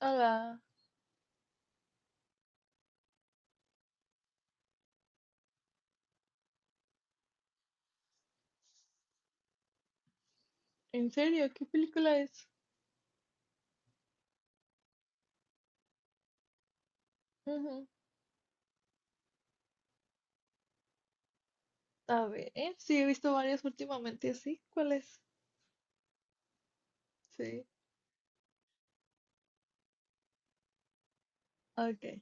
Hola, ¿en serio? ¿Qué película es? Ujú. A ver, sí, he visto varias últimamente, ¿sí? ¿Cuál es? Sí, ok,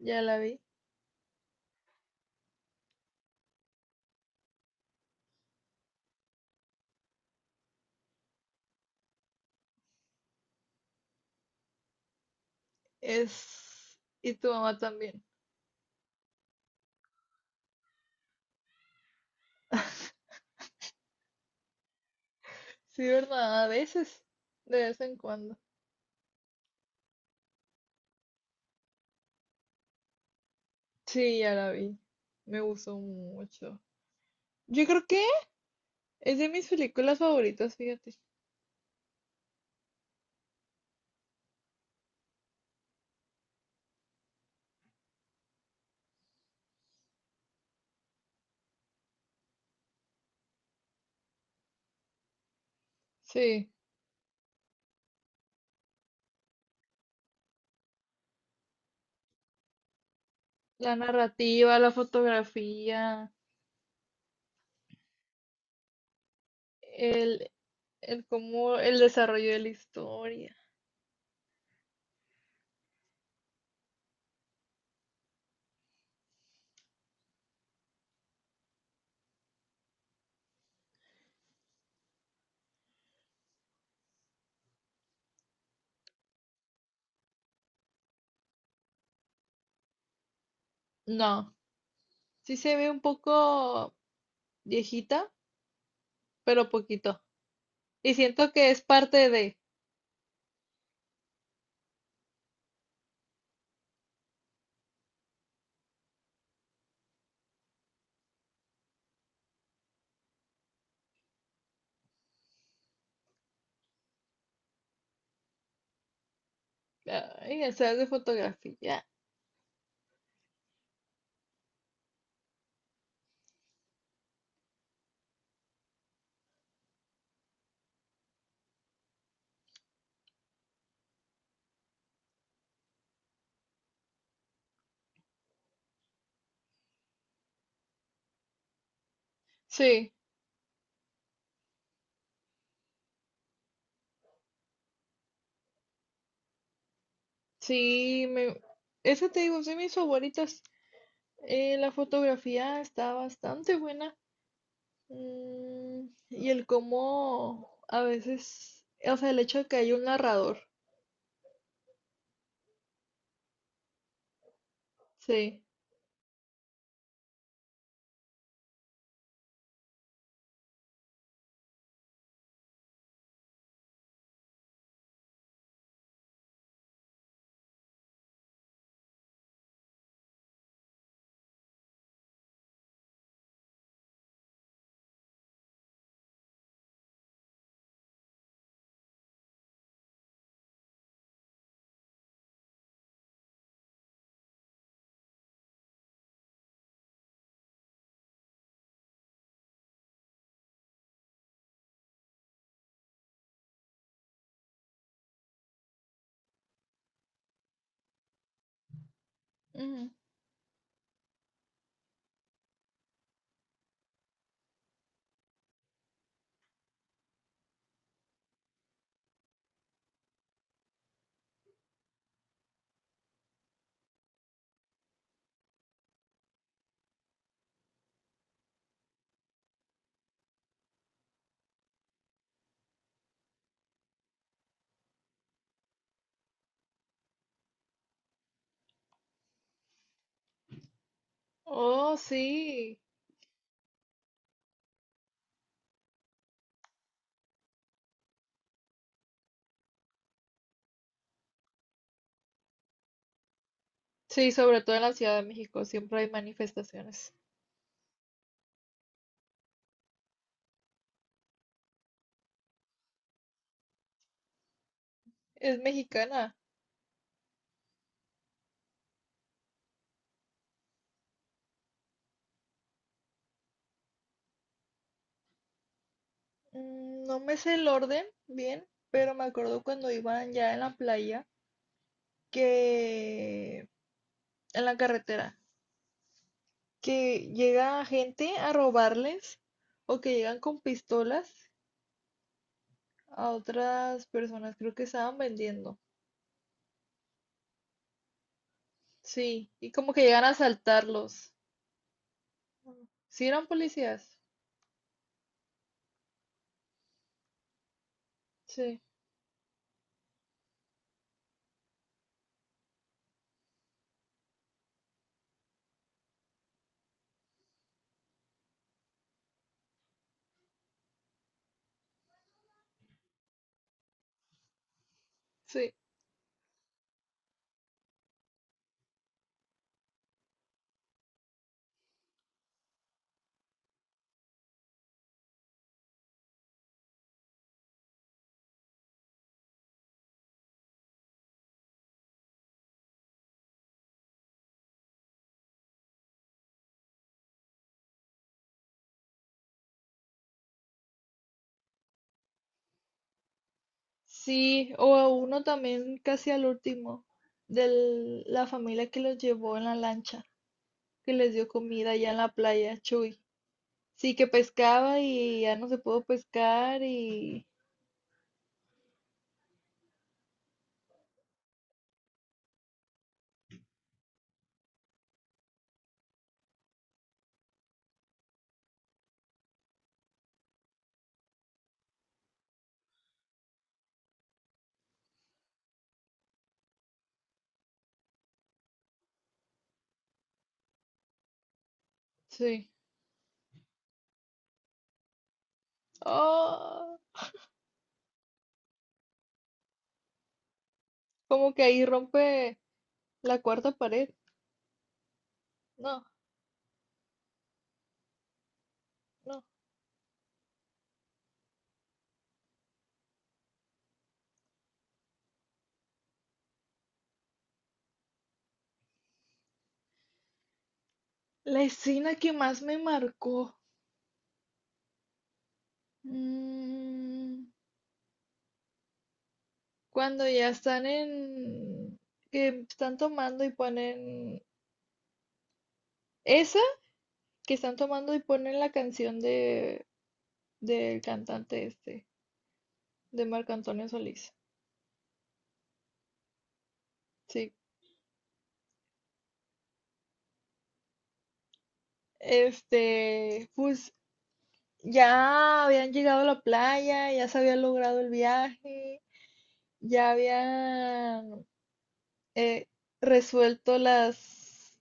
ya la vi. Es... Y tu mamá también. Sí, ¿verdad? A veces, de vez en cuando. Sí, ya la vi. Me gustó mucho. Yo creo que es de mis películas favoritas, fíjate. Sí, la narrativa, la fotografía, el, el cómo, el desarrollo de la historia. No. Sí se ve un poco viejita, pero poquito. Y siento que es parte de, ay, el ser de fotografía. Sí, sí, esa te digo, sí, mis favoritas. La fotografía está bastante buena. Y el cómo a veces, o sea, el hecho de que hay un narrador. Sí. Ujú. Oh, sí. Sí, sobre todo en la Ciudad de México siempre hay manifestaciones. Es mexicana. No me sé el orden bien, pero me acuerdo cuando iban ya en la playa, que en la carretera, que llega gente a robarles o que llegan con pistolas a otras personas, creo que estaban vendiendo. Sí, y como que llegan a asaltarlos. Sí, eran policías. Sí, sí. Sí, o a uno también casi al último, de la familia que los llevó en la lancha, que les dio comida allá en la playa, Chuy. Sí, que pescaba y ya no se pudo pescar y sí. Oh, como que ahí rompe la cuarta pared. No, no. La escena que más me marcó. mm, Cuando ya están en... que están tomando y ponen... Esa que están tomando y ponen la canción de del cantante este, de Marco Antonio Solís. Sí. Este, pues ya habían llegado a la playa, ya se había logrado el viaje, ya habían eh, resuelto los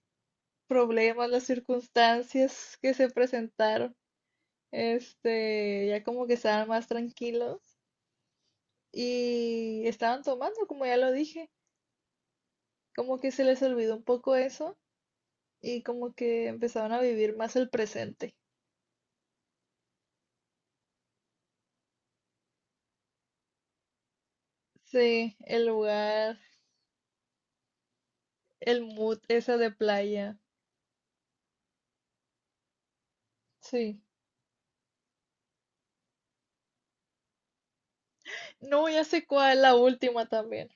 problemas, las circunstancias que se presentaron. Este, ya como que estaban más tranquilos y estaban tomando, como ya lo dije, como que se les olvidó un poco eso y como que empezaron a vivir más el presente. Sí, el lugar, el mood esa de playa. Sí. No, ya sé cuál, la última también.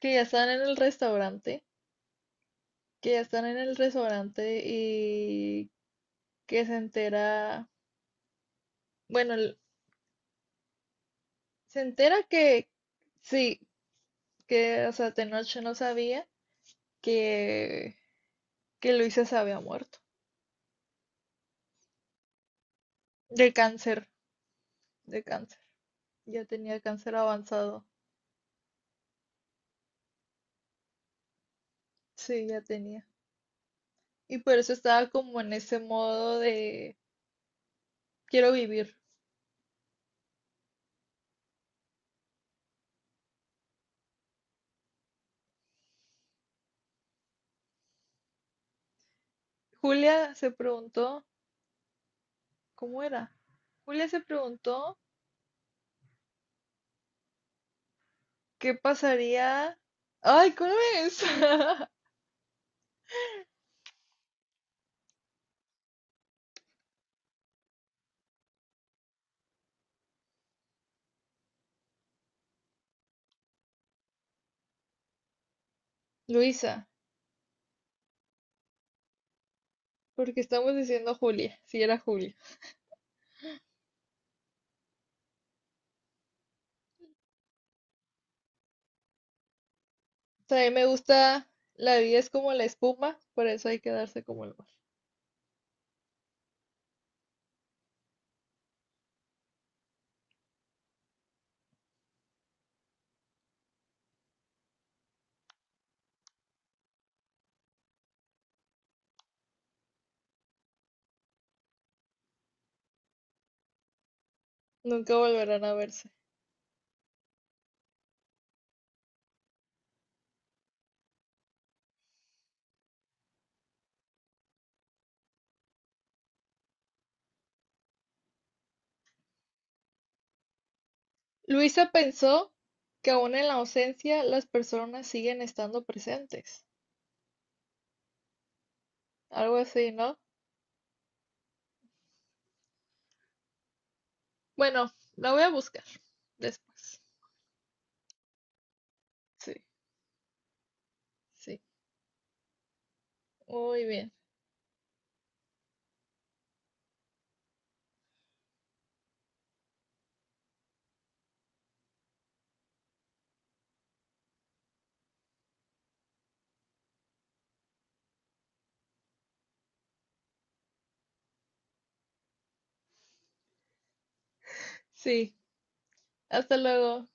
Que ya están en el restaurante, que ya están en el restaurante y que se entera, bueno, el- se entera que sí, que, o sea, Tenoch no sabía que, que Luisa se había muerto. De cáncer, de cáncer. Ya tenía cáncer avanzado. Sí, ya tenía. Y por eso estaba como en ese modo de quiero vivir. Julia se preguntó, ¿cómo era? Julia se preguntó. ¿Qué pasaría? Ay, ¿cómo es? Luisa, porque estamos diciendo Julia, si era Julia. O sea, a mí me gusta, la vida es como la espuma, por eso hay que darse como el mar. Nunca volverán a verse. Luisa pensó que aún en la ausencia las personas siguen estando presentes. Algo así, ¿no? Bueno, la voy a buscar después. Sí, sí. Muy bien. Sí, hasta luego.